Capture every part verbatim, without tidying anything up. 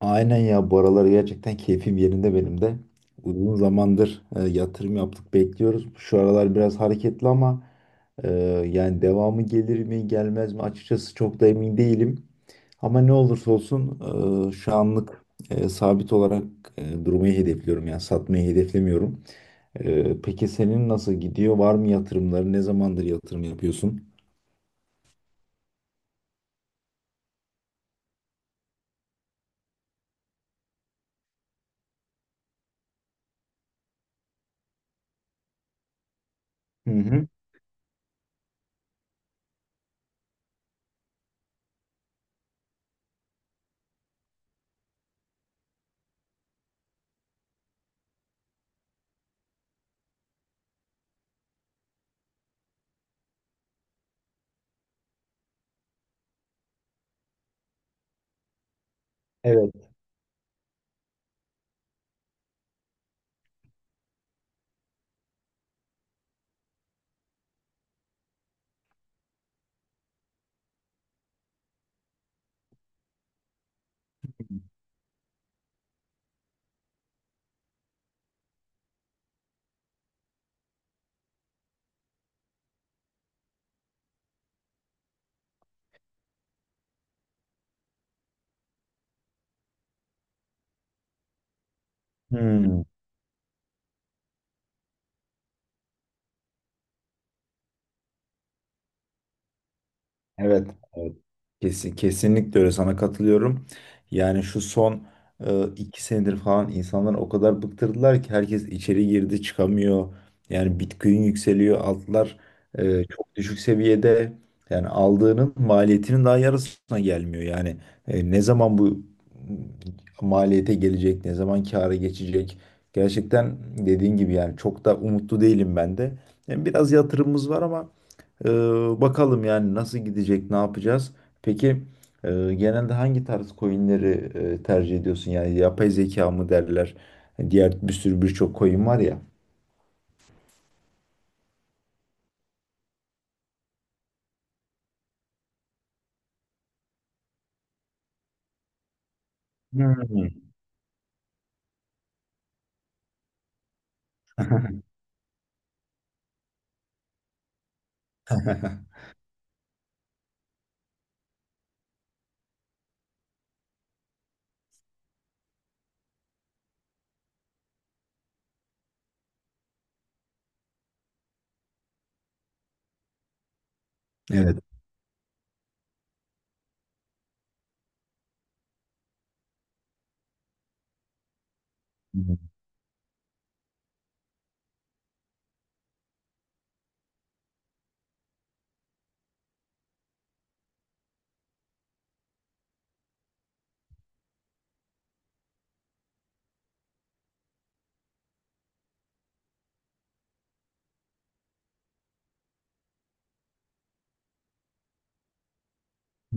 Aynen ya bu aralar gerçekten keyfim yerinde benim de. Uzun zamandır e, yatırım yaptık bekliyoruz. Şu aralar biraz hareketli ama e, yani devamı gelir mi gelmez mi açıkçası çok da emin değilim. Ama ne olursa olsun e, şu anlık e, sabit olarak e, durmayı hedefliyorum yani satmayı hedeflemiyorum. E, peki senin nasıl gidiyor? Var mı yatırımları? Ne zamandır yatırım yapıyorsun? Hı hı. Evet. Hmm. Evet, evet. Kesin, kesinlikle öyle sana katılıyorum. Yani şu son e, iki senedir falan insanlar o kadar bıktırdılar ki herkes içeri girdi çıkamıyor. Yani Bitcoin yükseliyor, altlar e, çok düşük seviyede. Yani aldığının maliyetinin daha yarısına gelmiyor. Yani e, ne zaman bu maliyete gelecek, ne zaman kâra geçecek? Gerçekten dediğin gibi yani çok da umutlu değilim ben de. Yani biraz yatırımımız var ama ee, bakalım yani nasıl gidecek, ne yapacağız? Peki e, genelde hangi tarz coinleri e, tercih ediyorsun? Yani yapay zeka mı derler? Diğer bir sürü birçok coin var ya. Hmm. Evet.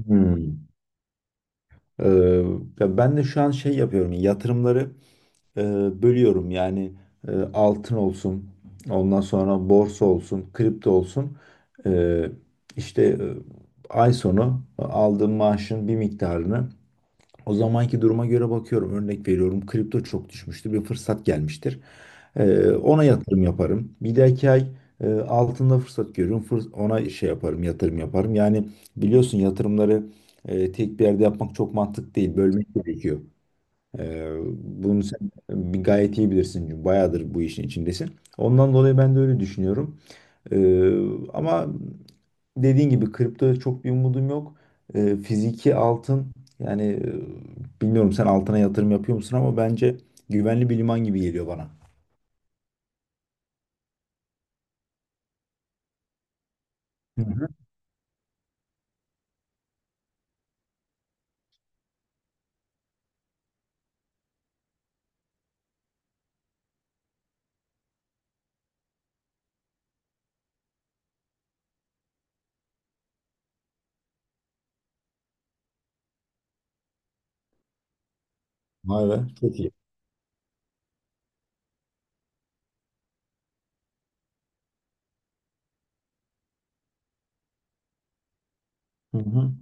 Hmm. Ee, ya ben de şu an şey yapıyorum. Yatırımları e, bölüyorum. Yani e, altın olsun, ondan sonra borsa olsun, kripto olsun. Ee, işte e, ay sonu aldığım maaşın bir miktarını. O zamanki duruma göre bakıyorum. Örnek veriyorum. Kripto çok düşmüştür. Bir fırsat gelmiştir. Ee, ona yatırım yaparım. Bir dahaki ay e, altında fırsat görüyorum. Fırs- ona şey yaparım, yatırım yaparım. Yani biliyorsun yatırımları e, tek bir yerde yapmak çok mantık değil. Bölmek gerekiyor. Ee, bunu sen bir gayet iyi bilirsin. Çünkü bayağıdır bu işin içindesin. Ondan dolayı ben de öyle düşünüyorum. Ee, ama dediğin gibi kriptoda çok bir umudum yok. Ee, fiziki altın yani e, bilmiyorum sen altına yatırım yapıyor musun ama bence güvenli bir liman gibi geliyor bana. Hı hı. Vay be, çok iyi. Hı hı.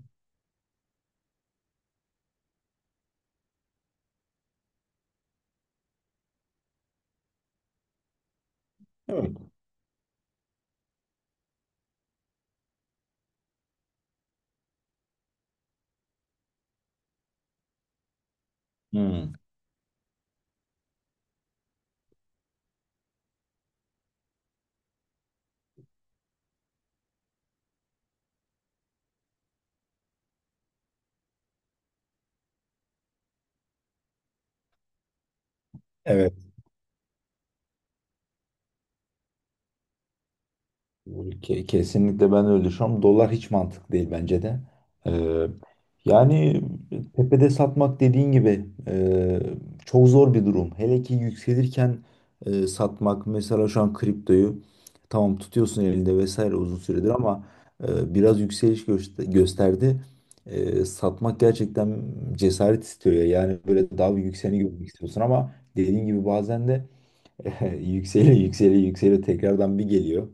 Evet. Hı. Evet. Ke- Kesinlikle ben de öyle düşünüyorum. Dolar hiç mantıklı değil bence de. Ee, yani e, tepede satmak dediğin gibi e, çok zor bir durum. Hele ki yükselirken e, satmak, mesela şu an kriptoyu tamam tutuyorsun elinde vesaire uzun süredir, ama e, biraz yükseliş göster- gösterdi. E, satmak gerçekten cesaret istiyor ya. Yani böyle daha bir yükseleni görmek istiyorsun ama dediğin gibi bazen de yükseli yükseli yükseli tekrardan bir geliyor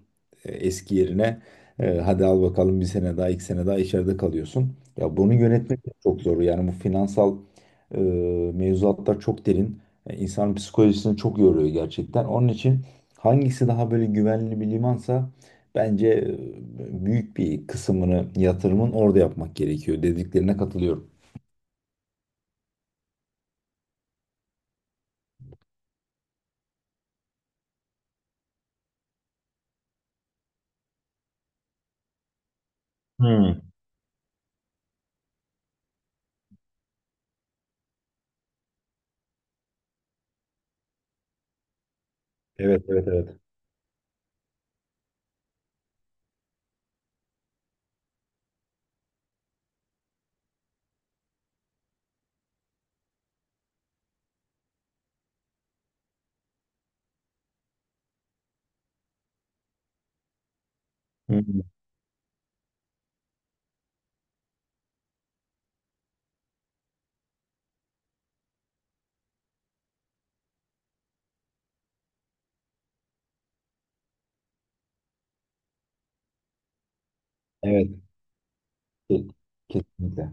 e, eski yerine. E, Hadi al bakalım, bir sene daha iki sene daha içeride kalıyorsun. Ya bunu yönetmek de çok zor. Yani bu finansal e, mevzuatlar çok derin. E, İnsanın psikolojisini çok yoruyor gerçekten. Onun için hangisi daha böyle güvenli bir limansa bence e, büyük bir kısmını yatırımın orada yapmak gerekiyor. Dediklerine katılıyorum. Hmm. Evet, evet, evet. Hı. Evet. Ke- Kesinlikle.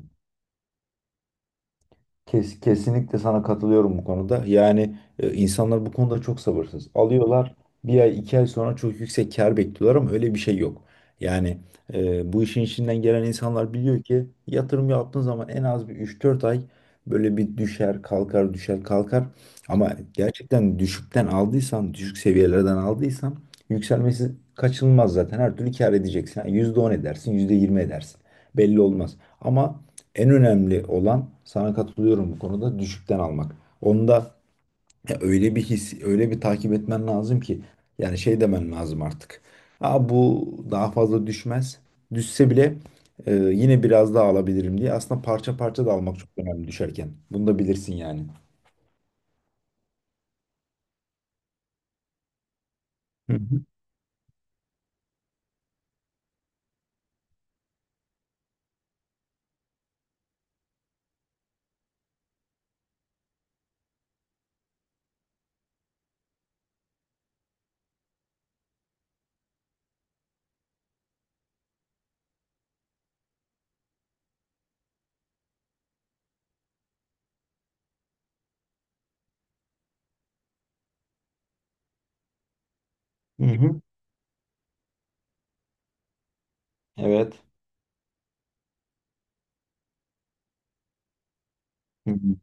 Kes, kesinlikle sana katılıyorum bu konuda. Yani e, insanlar bu konuda çok sabırsız. Alıyorlar, bir ay iki ay sonra çok yüksek kar bekliyorlar ama öyle bir şey yok. Yani e, bu işin içinden gelen insanlar biliyor ki, yatırım yaptığın zaman en az bir üç dört ay böyle bir düşer kalkar düşer kalkar. Ama gerçekten düşükten aldıysan, düşük seviyelerden aldıysan yükselmesi kaçınılmaz zaten. Her türlü kar edeceksin. Yani yüzde on edersin, yüzde yirmi edersin. Belli olmaz. Ama en önemli olan, sana katılıyorum bu konuda, düşükten almak. Onda ya öyle bir his, öyle bir takip etmen lazım ki yani şey demen lazım artık. Aa, bu daha fazla düşmez. Düşse bile e, yine biraz daha alabilirim diye. Aslında parça parça da almak çok önemli düşerken. Bunu da bilirsin yani. Hı hı. Hı hı. Evet. Hı hı.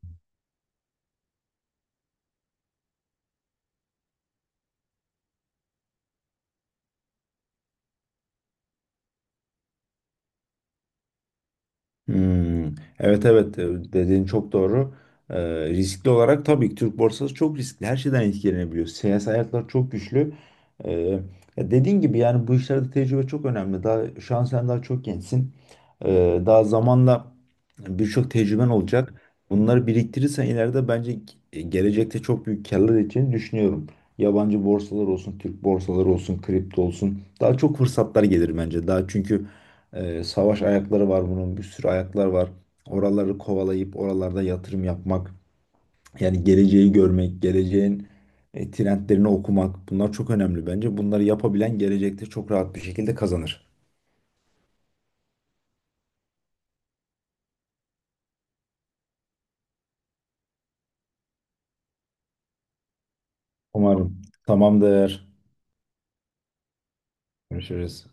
Hmm, evet, evet, e, dediğin çok doğru. Ee, riskli olarak tabii ki Türk borsası çok riskli. Her şeyden etkilenebiliyor. Siyasi ayaklar çok güçlü. Ee, ya dediğin gibi yani bu işlerde tecrübe çok önemli. Daha şu an sen daha çok gençsin. Ee, daha zamanla birçok tecrüben olacak. Bunları biriktirirsen ileride bence ge- gelecekte çok büyük karlar edeceğini düşünüyorum. Yabancı borsalar olsun, Türk borsaları olsun, kripto olsun. Daha çok fırsatlar gelir bence. Daha çünkü ee, savaş ayakları var bunun, bir sürü ayaklar var. Oraları kovalayıp oralarda yatırım yapmak, yani geleceği görmek, geleceğin e, trendlerini okumak bunlar çok önemli bence. Bunları yapabilen gelecekte çok rahat bir şekilde kazanır. Umarım. Tamamdır. Görüşürüz.